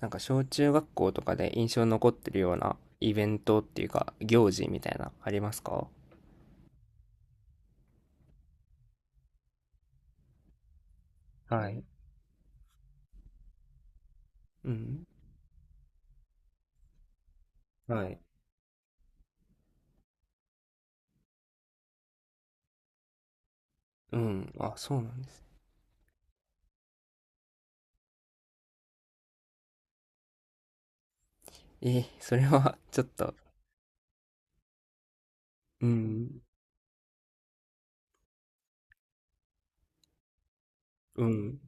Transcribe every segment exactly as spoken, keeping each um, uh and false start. なんか小中学校とかで印象に残ってるようなイベントっていうか行事みたいなありますか？はい。うん。はい。うん、あ、そうなんですね。えー、それは ちょっと。うん、うん。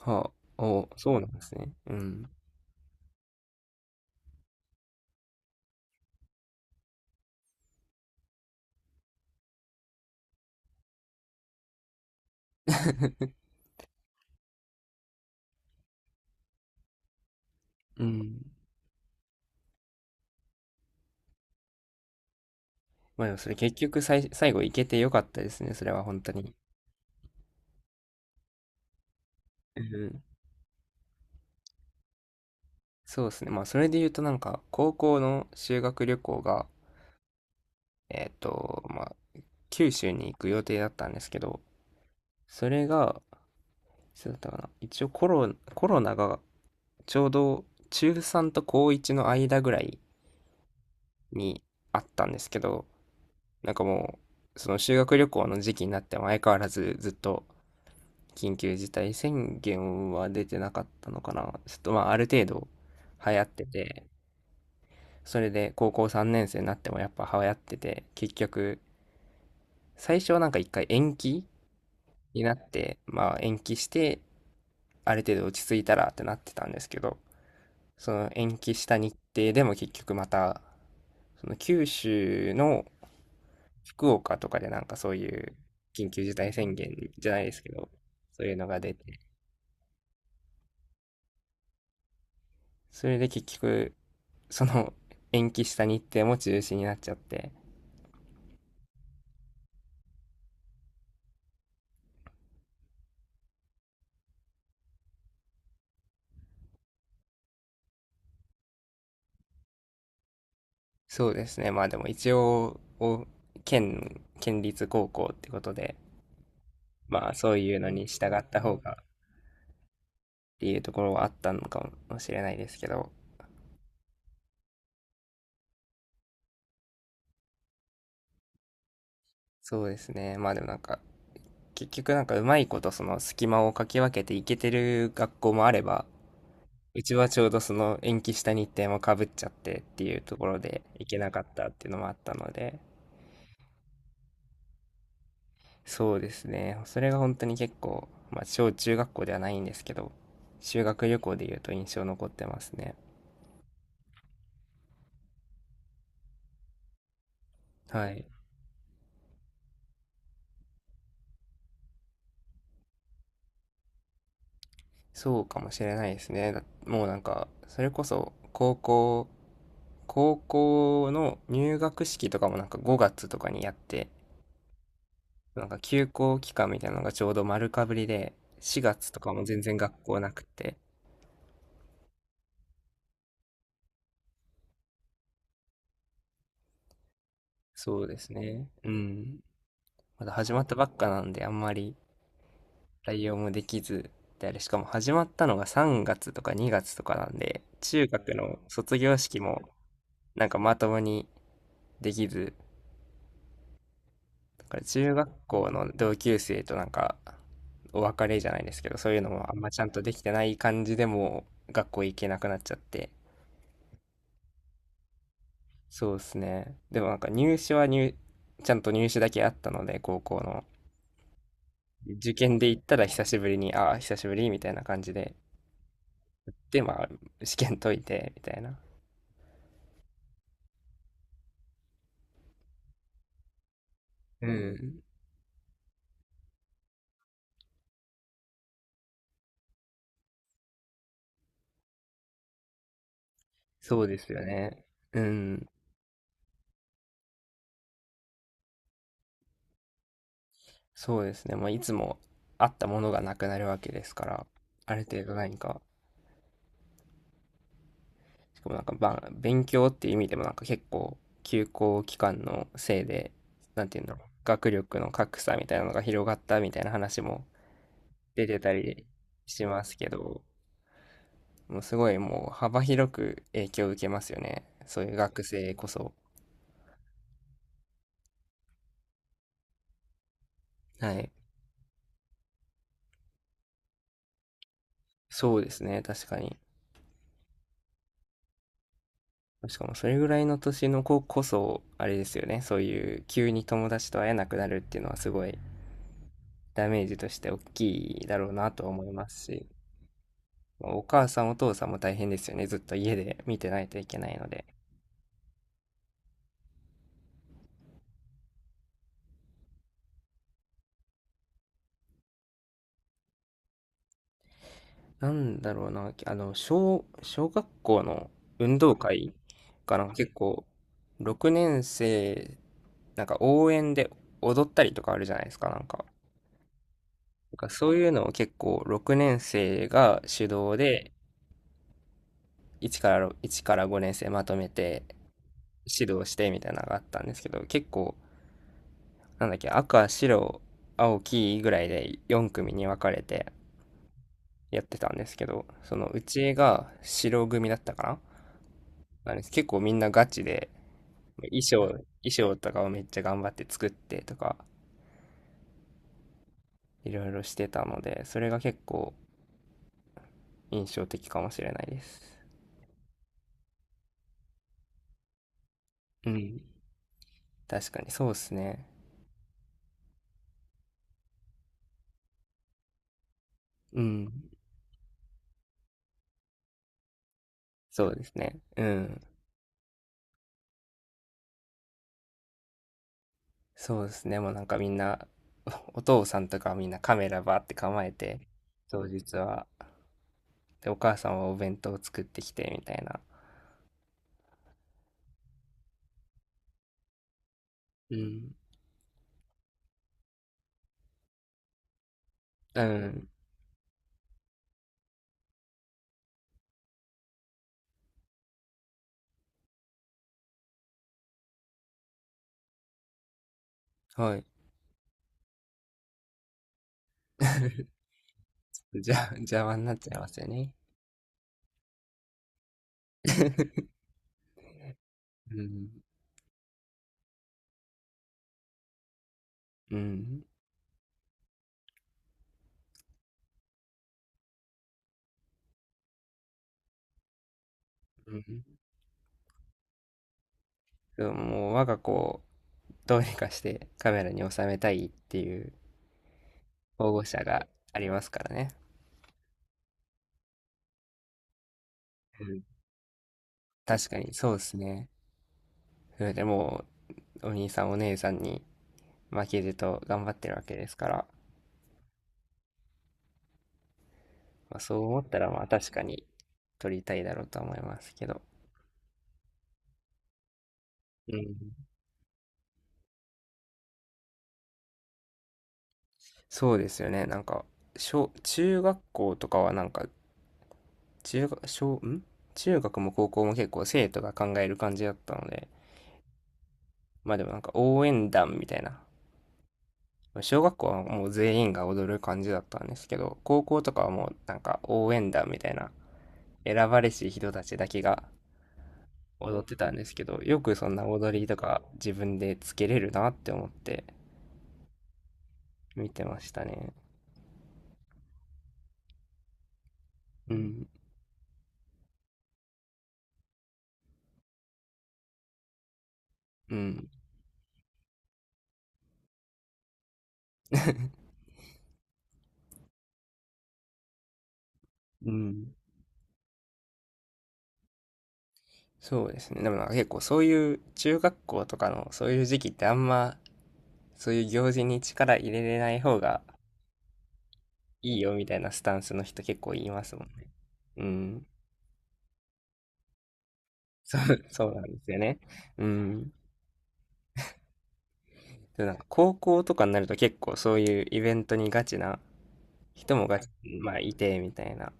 はあ、お、そうなんですね、うん。 うん。まあでもそれ結局最最後行けてよかったですね、それは本当に。うん。そうですね。まあそれで言うとなんか高校の修学旅行が、えっとまあ九州に行く予定だったんですけど、それがいつだったかな。一応コロ、コロナがちょうど中さんと高いちの間ぐらいにあったんですけど、なんかもう、その修学旅行の時期になっても相変わらずずっと緊急事態宣言は出てなかったのかな。ちょっとまあある程度流行ってて、それで高校さんねん生になってもやっぱ流行ってて、結局最初はなんか一回延期になって、まあ延期してある程度落ち着いたらってなってたんですけど、その延期した日程でも結局また、その九州の福岡とかでなんかそういう緊急事態宣言じゃないですけど、そういうのが出て、それで結局、その延期した日程も中止になっちゃって、そうですね、まあでも一応、県、県立高校ってことで、まあそういうのに従った方がっていうところはあったのかもしれないですけど、そうですね、まあでもなんか結局なんかうまいことその隙間をかき分けていけてる学校もあれば、うちはちょうどその延期した日程もかぶっちゃってっていうところで行けなかったっていうのもあったので、そうですね。それが本当に結構、まあ小中学校ではないんですけど、修学旅行で言うと印象残ってますね。はい。そうかもしれないですね。だもうなんか、それこそ高校、高校の入学式とかもなんかごがつとかにやって、なんか休校期間みたいなのがちょうど丸かぶりで、しがつとかも全然学校なくて。そうですね。うん。まだ始まったばっかなんで、あんまり対応もできず、で、あれ、しかも始まったのがさんがつとかにがつとかなんで、中学の卒業式もなんかまともにできず、だから中学校の同級生となんかお別れじゃないですけど、そういうのもあんまちゃんとできてない感じでもう学校行けなくなっちゃって。そうですね。でもなんか入試は入、ちゃんと入試だけあったので、高校の。受験で行ったら久しぶりに、ああ、久しぶりみたいな感じで。で、まあ、試験解いて、みたいな。うん。そうですよね。うん。そうですね。まあ、いつもあったものがなくなるわけですから、ある程度何か、しかもなんか、ばん勉強っていう意味でもなんか結構、休校期間のせいで、なんていうんだろう、学力の格差みたいなのが広がったみたいな話も出てたりしますけど、もうすごいもう幅広く影響を受けますよね。そういう学生こそ。はい。そうですね、確かに。しかもそれぐらいの年の子こそ、あれですよね、そういう急に友達と会えなくなるっていうのはすごいダメージとして大きいだろうなと思いますし、お母さんお父さんも大変ですよね、ずっと家で見てないといけないので。なんだろうな、あの、小、小学校の運動会かな、結構、ろくねん生、なんか応援で踊ったりとかあるじゃないですか、なんか。なんかそういうのを結構ろくねん生が主導で、1からろ、いちからごねん生まとめて指導してみたいなのがあったんですけど、結構、なんだっけ、赤、白、青、黄ぐらいでよん組に分かれてやってたんですけど、そのうちが白組だったかな、なんです、結構みんなガチで、衣装、衣装とかをめっちゃ頑張って作ってとか、いろいろしてたので、それが結構印象的かもしれないです。うん。確かに、そうですね。うん。そうですね。うん。そうですね。もうなんかみんな、おお父さんとかはみんなカメラバーって構えて、当日は。で、お母さんはお弁当を作ってきて、みたいな。うん。うん。はい。じゃ、邪魔になっちゃいますよね。うん。うん、うん。でも、もう我が子をどうにかしてカメラに収めたいっていう保護者がありますからね。うん。確かにそうですね。それでもうお兄さんお姉さんに負けじと頑張ってるわけですから、まあ、そう思ったら、まあ、確かに撮りたいだろうとは思いますけど。うん。そうですよね。なんか、小中学校とかはなんか、中ゅん？中学も高校も結構生徒が考える感じだったので、まあでもなんか応援団みたいな。小学校はもう全員が踊る感じだったんですけど、高校とかはもうなんか応援団みたいな、選ばれし人たちだけが踊ってたんですけど、よくそんな踊りとか自分でつけれるなって思って見てましたね。うん、うん、うん。そうですね。でもなんか結構そういう中学校とかのそういう時期ってあんまそういう行事に力入れれない方がいいよみたいなスタンスの人結構いますもんね。うん。そうなんですよね。うん。で、なんか高校とかになると結構そういうイベントにガチな人もガチ、まあいてみたいな。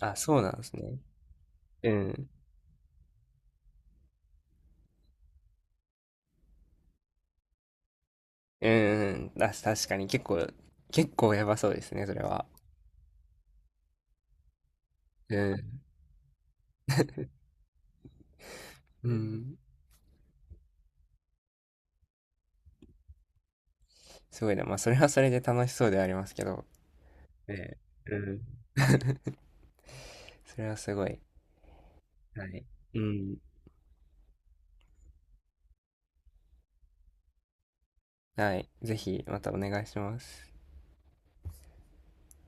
あ、そうなんですね。うん。うん、うん。あ、確かに結構、結構やばそうですね、それは。うん。うん。すごいな。まあそれはそれで楽しそうではありますけど。ね。うん。それはすごい。はい。うん。はい。ぜひまたお願いします。